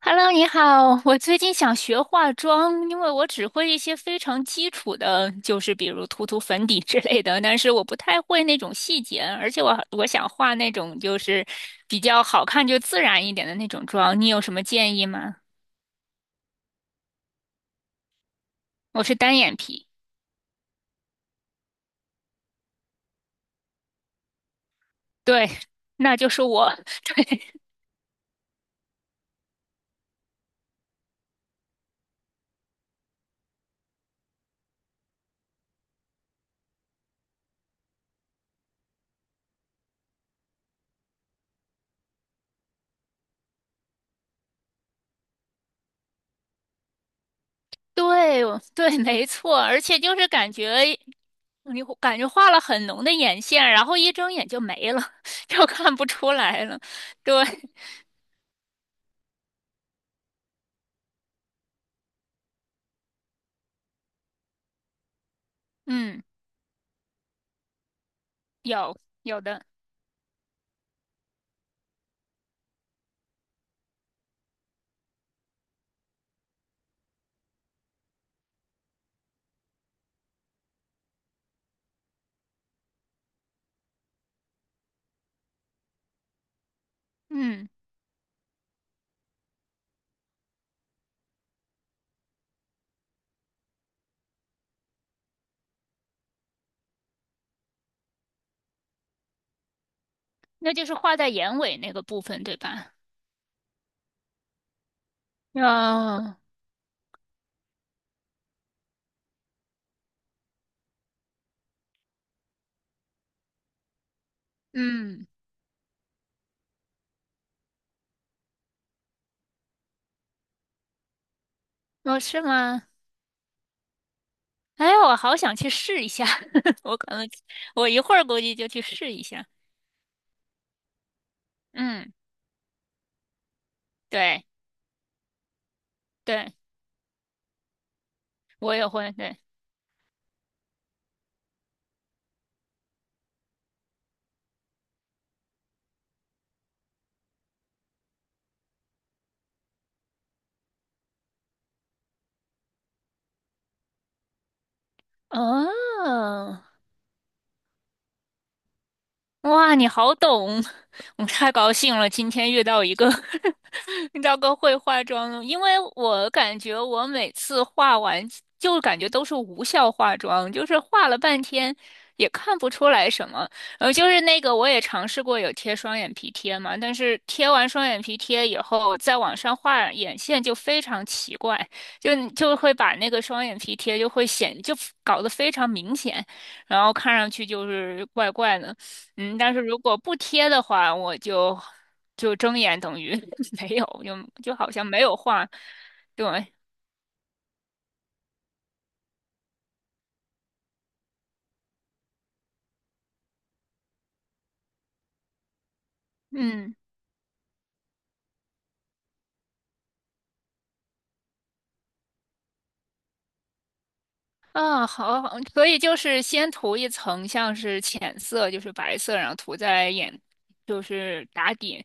Hello，你好，我最近想学化妆，因为我只会一些非常基础的，就是比如涂涂粉底 之类的，但是我不太会那种细节，而且我想画那种就是比较好看就自然一点的那种妆，你有什么建议吗？我是单眼皮，对，那就是我，对对我对，没错，而且就是感觉你会感觉画了很浓的眼线，然后一睁眼就没了，就看不出来了，对，嗯。有有的，嗯，那就是画在眼尾那个部分，对吧？哦，嗯，哦，是吗？哎，我好想去试一下，我可能我一会儿估计就去试一下。嗯，对对，我也会，对，哦。哇，你好懂，我太高兴了，今天遇到一个 遇到个会化妆的，因为我感觉我每次化完就感觉都是无效化妆，就是化了半天也看不出来什么。就是那个我也尝试过有贴双眼皮贴嘛，但是贴完双眼皮贴以后，再往上画眼线就非常奇怪，就会把那个双眼皮贴就会显就搞得非常明显，然后看上去就是怪怪的。嗯，但是如果不贴的话，我就睁眼等于 没有，就就好像没有画。对，嗯，啊，好，好所以就是先涂一层像是浅色，就是白色，然后涂在眼，就是打底，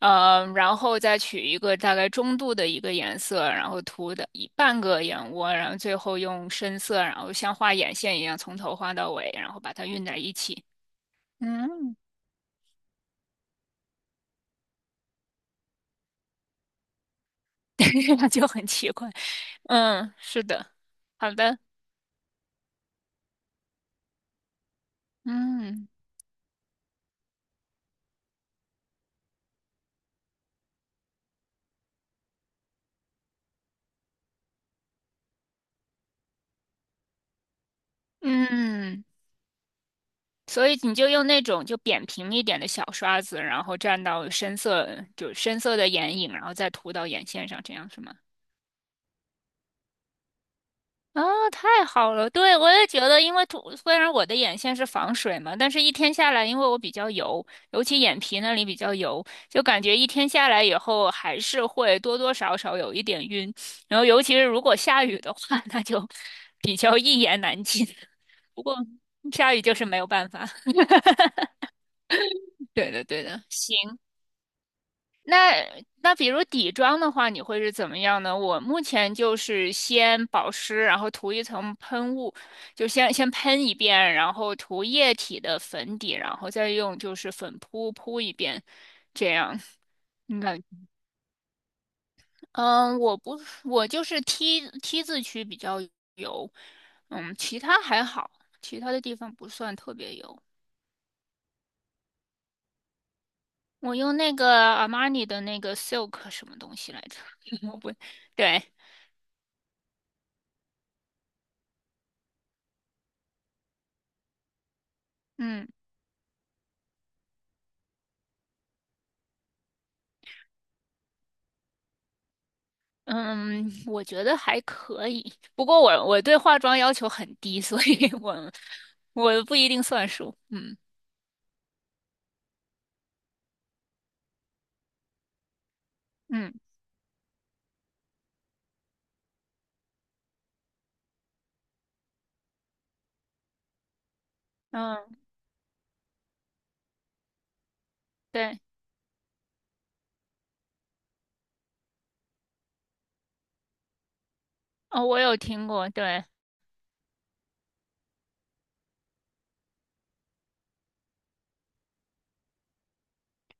然后再取一个大概中度的一个颜色，然后涂的一半个眼窝，然后最后用深色，然后像画眼线一样从头画到尾，然后把它晕在一起。嗯，这样就很奇怪。嗯，是的，好的，嗯嗯，所以你就用那种就扁平一点的小刷子，然后蘸到深色，就深色的眼影，然后再涂到眼线上，这样是吗？啊、太好了！对，我也觉得，因为涂，虽然我的眼线是防水嘛，但是一天下来，因为我比较油，尤其眼皮那里比较油，就感觉一天下来以后还是会多多少少有一点晕，然后尤其是如果下雨的话，那就比较一言难尽。不过下雨就是没有办法。对的，对的。行，那那比如底妆的话，你会是怎么样呢？我目前就是先保湿，然后涂一层喷雾，就先喷一遍，然后涂液体的粉底，然后再用就是粉扑扑一遍，这样。你感，嗯，我不，我就是 T 字区比较油，嗯，其他还好，其他的地方不算特别油。我用那个阿玛尼的那个 Silk 什么东西来着？我不，对，嗯嗯，我觉得还可以。不过我对化妆要求很低，所以 我我不一定算数。嗯嗯嗯，对，哦，我有听过，对。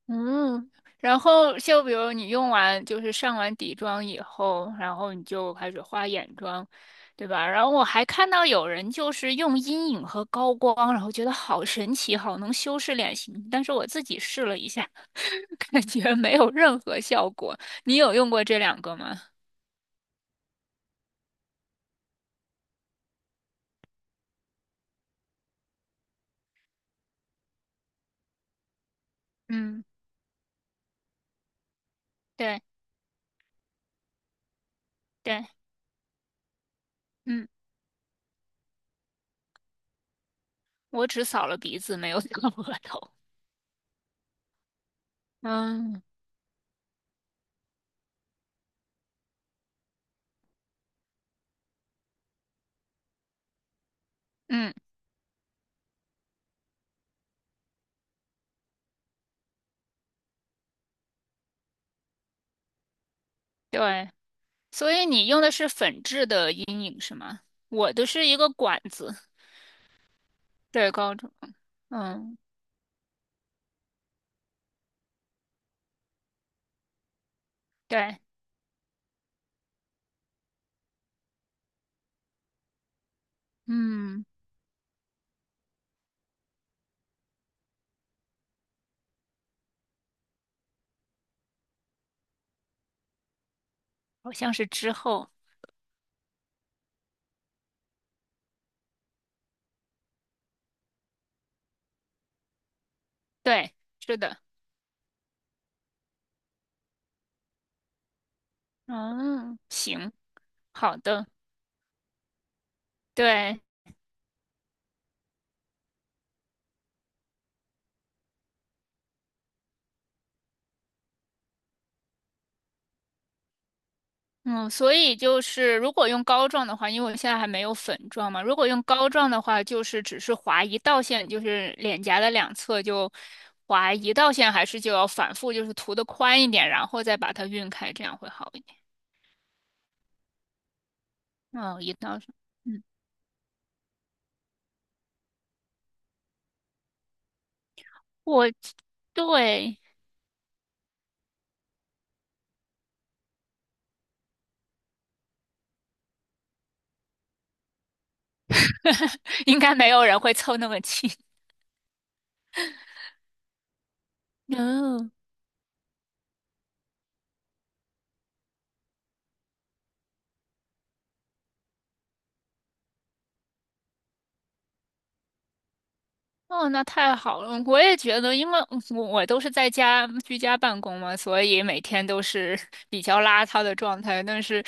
嗯，然后就比如你用完就是上完底妆以后，然后你就开始画眼妆，对吧？然后我还看到有人就是用阴影和高光，然后觉得好神奇，好能修饰脸型。但是我自己试了一下，感觉没有任何效果。你有用过这两个吗？嗯，对对，嗯，我只扫了鼻子，没有扫额头。嗯嗯，对。所以你用的是粉质的阴影是吗？我的是一个管子，对，膏状。嗯，对，嗯，好像是之后，对，是的，嗯，行，好的，对，嗯，所以就是如果用膏状的话，因为我现在还没有粉状嘛，如果用膏状的话，就是只是划一道线，就是脸颊的两侧就划一道线，还是就要反复，就是涂的宽一点，然后再把它晕开，这样会好一点。嗯，一道上。嗯。我对，应该没有人会凑那么近。嗯，哦，那太好了！我也觉得，因为我都是在家居家办公嘛，所以每天都是 比较邋遢的状态。但是，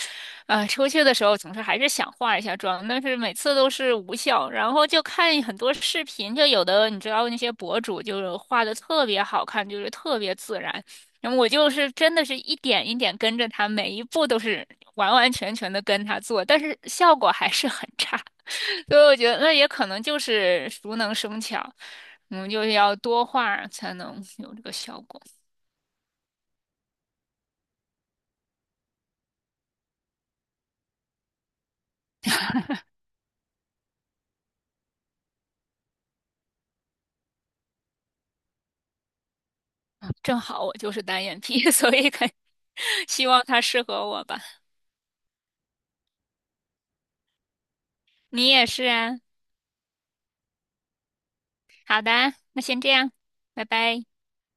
出去的时候总是还是想化一下妆，但是每次都是无效。然后就看很多视频，就有的你知道那些博主就是画的特别好看，就是特别自然。然后我就是真的是一点一点跟着他，每一步都是完完全全的跟他做，但是效果还是很差。所以我觉得那也可能就是熟能生巧，我们就是要多画才能有这个效果。正好我就是单眼皮，所以肯希望它适合我吧。你也是啊。好的，那先这样，拜拜。